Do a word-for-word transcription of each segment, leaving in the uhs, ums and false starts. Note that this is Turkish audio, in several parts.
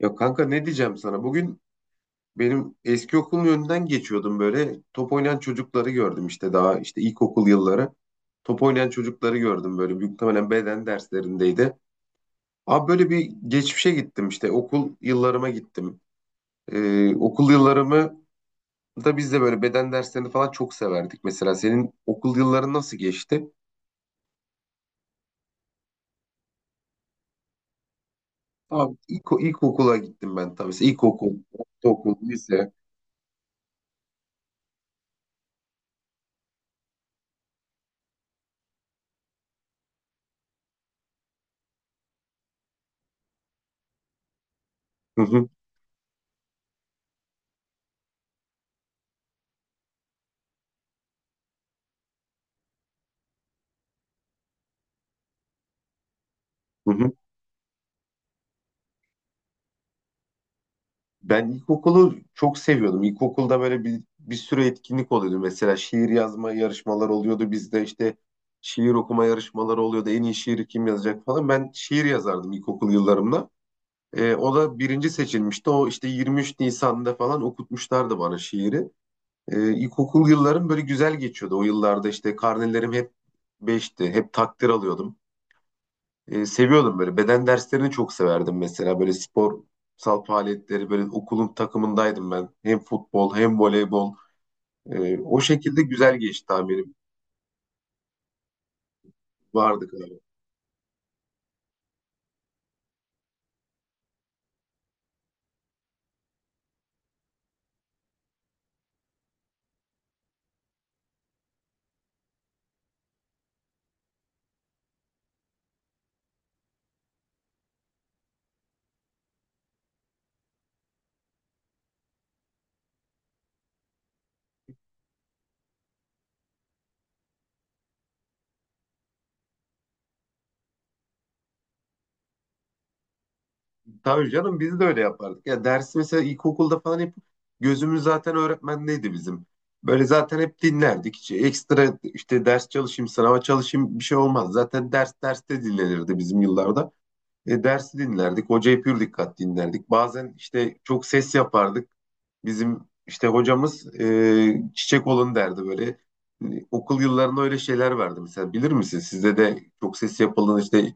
Ya kanka, ne diyeceğim sana? Bugün benim eski okulun önünden geçiyordum böyle. Top oynayan çocukları gördüm işte daha işte ilkokul yılları. Top oynayan çocukları gördüm böyle. Büyük ihtimaalen beden derslerindeydi. Abi böyle bir geçmişe gittim, işte okul yıllarıma gittim. Ee, okul yıllarımı da biz de böyle beden derslerini falan çok severdik. Mesela senin okul yılların nasıl geçti? Abi ilk, ilkokula gittim ben tabii. İlkokul, ortaokul, lise. Hı hı, hı hı. Ben ilkokulu çok seviyordum. İlkokulda böyle bir, bir sürü etkinlik oluyordu. Mesela şiir yazma yarışmalar oluyordu. Bizde işte şiir okuma yarışmaları oluyordu. En iyi şiiri kim yazacak falan. Ben şiir yazardım ilkokul yıllarımda. Ee, o da birinci seçilmişti. O işte yirmi üç Nisan'da falan okutmuşlardı bana şiiri. Ee, ilkokul yıllarım böyle güzel geçiyordu. O yıllarda işte karnelerim hep beşti, hep takdir alıyordum. E, seviyordum böyle. Beden derslerini çok severdim mesela. Böyle sporsal faaliyetleri, böyle okulun takımındaydım ben. Hem futbol hem voleybol. E, o şekilde güzel geçti tamirim. Vardı galiba. Tabii canım, biz de öyle yapardık. Ya dersi mesela ilkokulda falan hep gözümüz zaten öğretmendeydi bizim. Böyle zaten hep dinlerdik. Hiç ekstra işte ders çalışayım, sınava çalışayım bir şey olmaz. Zaten ders derste dinlenirdi bizim yıllarda. E, dersi dinlerdik. Hocayı pür dikkat dinlerdik. Bazen işte çok ses yapardık. Bizim işte hocamız e, çiçek olun derdi böyle. E, okul yıllarında öyle şeyler verdi mesela. Bilir misin? Sizde de çok ses yapılan işte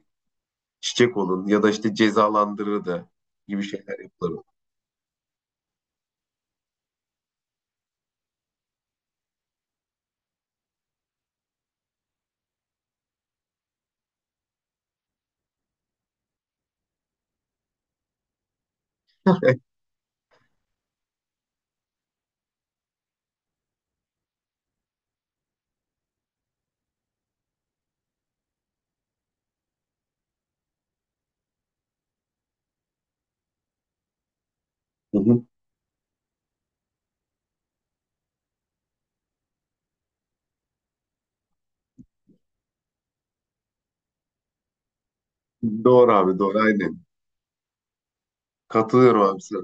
çiçek olun ya da işte cezalandırırdı gibi şeyler yapılır. Hı hı. Doğru abi, doğru, aynen. Katılıyorum abi sana.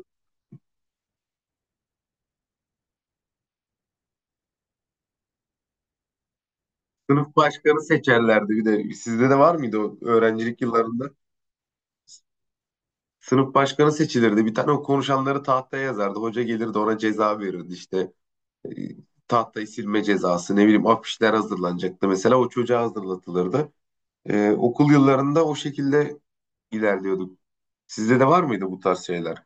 Sınıf başkanı seçerlerdi bir de. Sizde de var mıydı o öğrencilik yıllarında? Sınıf başkanı seçilirdi. Bir tane o konuşanları tahtaya yazardı. Hoca gelirdi, ona ceza verirdi işte. E, Tahtayı silme cezası, ne bileyim, afişler hazırlanacaktı. Mesela o çocuğa hazırlatılırdı. E, okul yıllarında o şekilde ilerliyorduk. Sizde de var mıydı bu tarz şeyler?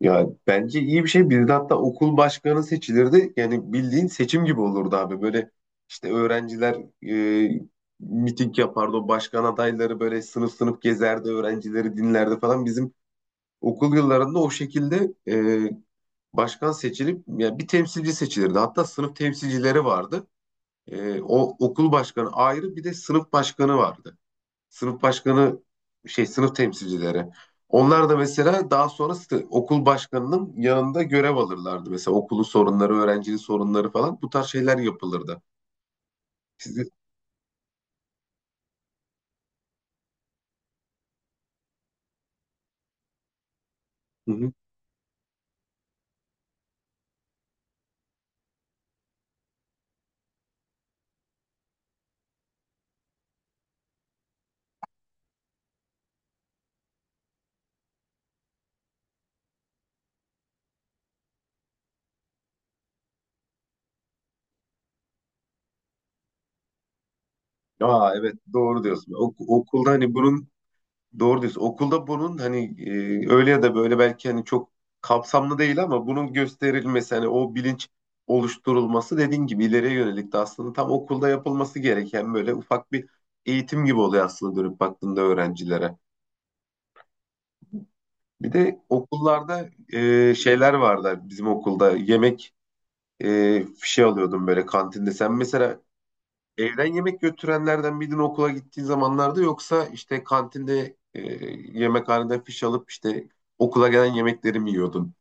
Ya bence iyi bir şey. Bir de hatta okul başkanı seçilirdi. Yani bildiğin seçim gibi olurdu abi. Böyle işte öğrenciler e, miting yapardı. O başkan adayları böyle sınıf sınıf gezerdi. Öğrencileri dinlerdi falan. Bizim okul yıllarında o şekilde e, başkan seçilip ya bir temsilci seçilirdi. Hatta sınıf temsilcileri vardı. E, o okul başkanı ayrı, bir de sınıf başkanı vardı, sınıf başkanı şey, sınıf temsilcileri. Onlar da mesela daha sonra sı- okul başkanının yanında görev alırlardı. Mesela okulu sorunları, öğrencinin sorunları falan, bu tarz şeyler yapılırdı. Sizi... Hı hı. Aa, evet, doğru diyorsun. Ok- okulda hani bunun doğru diyorsun. Okulda bunun hani e, öyle ya da böyle belki hani çok kapsamlı değil ama bunun gösterilmesi, hani o bilinç oluşturulması, dediğin gibi ileriye yönelik de aslında tam okulda yapılması gereken böyle ufak bir eğitim gibi oluyor aslında dönüp baktığında öğrencilere. Bir de okullarda e, şeyler vardı, bizim okulda yemek e, şey alıyordum böyle kantinde. Sen mesela evden yemek götürenlerden miydin okula gittiğin zamanlarda, yoksa işte kantinde e, yemekhaneden fiş alıp işte okula gelen yemekleri mi yiyordun?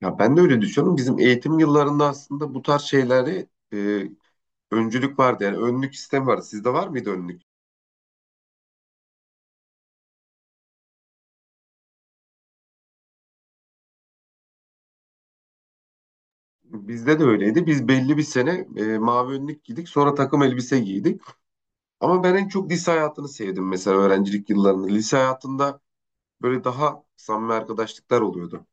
Ya ben de öyle düşünüyorum. Bizim eğitim yıllarında aslında bu tarz şeyleri e, öncülük vardı. Yani önlük sistemi vardı. Sizde var mıydı önlük? Bizde de öyleydi. Biz belli bir sene e, mavi önlük giydik. Sonra takım elbise giydik. Ama ben en çok lise hayatını sevdim, mesela öğrencilik yıllarını. Lise hayatında böyle daha samimi arkadaşlıklar oluyordu.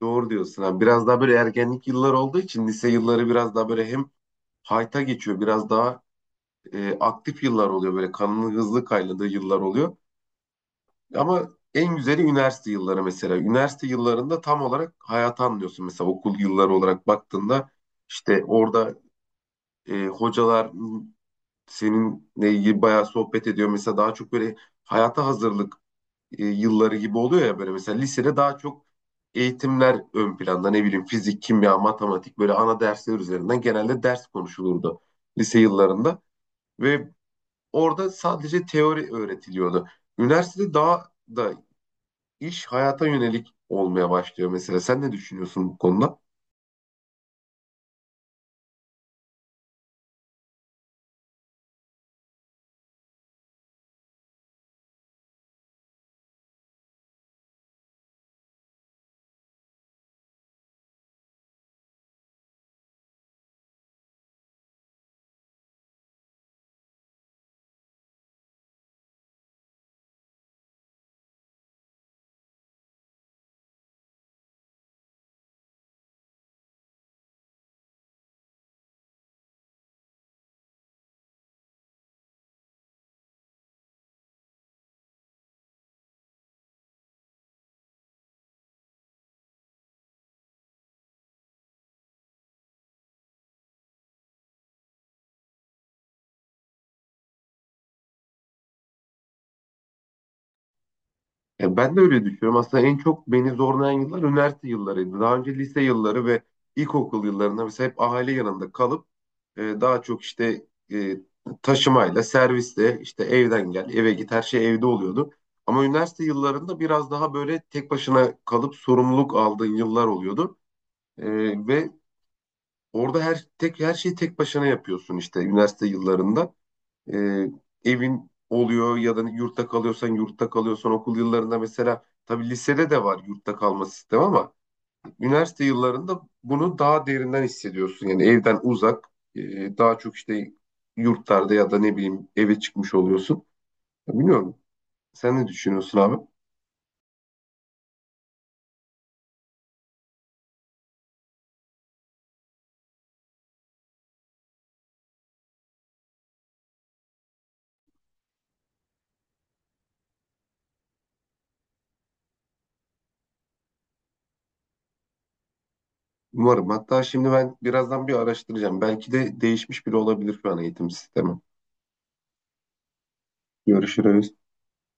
Doğru diyorsun abi. Biraz daha böyle ergenlik yılları olduğu için lise yılları biraz daha böyle hem hayta geçiyor, biraz daha e, aktif yıllar oluyor. Böyle kanının hızlı kaynadığı yıllar oluyor. Ama en güzeli üniversite yılları mesela. Üniversite yıllarında tam olarak hayatı anlıyorsun. Mesela okul yılları olarak baktığında işte orada e, hocalar m, seninle ilgili bayağı sohbet ediyor. Mesela daha çok böyle hayata hazırlık e, yılları gibi oluyor ya, böyle mesela lisede daha çok eğitimler ön planda, ne bileyim fizik, kimya, matematik, böyle ana dersler üzerinden genelde ders konuşulurdu lise yıllarında ve orada sadece teori öğretiliyordu. Üniversitede daha da iş hayata yönelik olmaya başlıyor mesela. Sen ne düşünüyorsun bu konuda? E, ben de öyle düşünüyorum. Aslında en çok beni zorlayan yıllar üniversite yıllarıydı. Daha önce lise yılları ve ilkokul yıllarında mesela hep aile yanında kalıp e, daha çok işte e, taşımayla, servisle, işte evden gel, eve git, her şey evde oluyordu. Ama üniversite yıllarında biraz daha böyle tek başına kalıp sorumluluk aldığın yıllar oluyordu. E, ve orada her tek her şeyi tek başına yapıyorsun işte üniversite yıllarında. E, Evin oluyor ya da yurtta kalıyorsan, yurtta kalıyorsan okul yıllarında mesela, tabii lisede de var yurtta kalma sistemi, ama üniversite yıllarında bunu daha derinden hissediyorsun. Yani evden uzak, e, daha çok işte yurtlarda ya da ne bileyim eve çıkmış oluyorsun. Ya bilmiyorum. Sen ne düşünüyorsun abi? Umarım. Hatta şimdi ben birazdan bir araştıracağım. Belki de değişmiş bile olabilir şu an eğitim sistemi. Görüşürüz.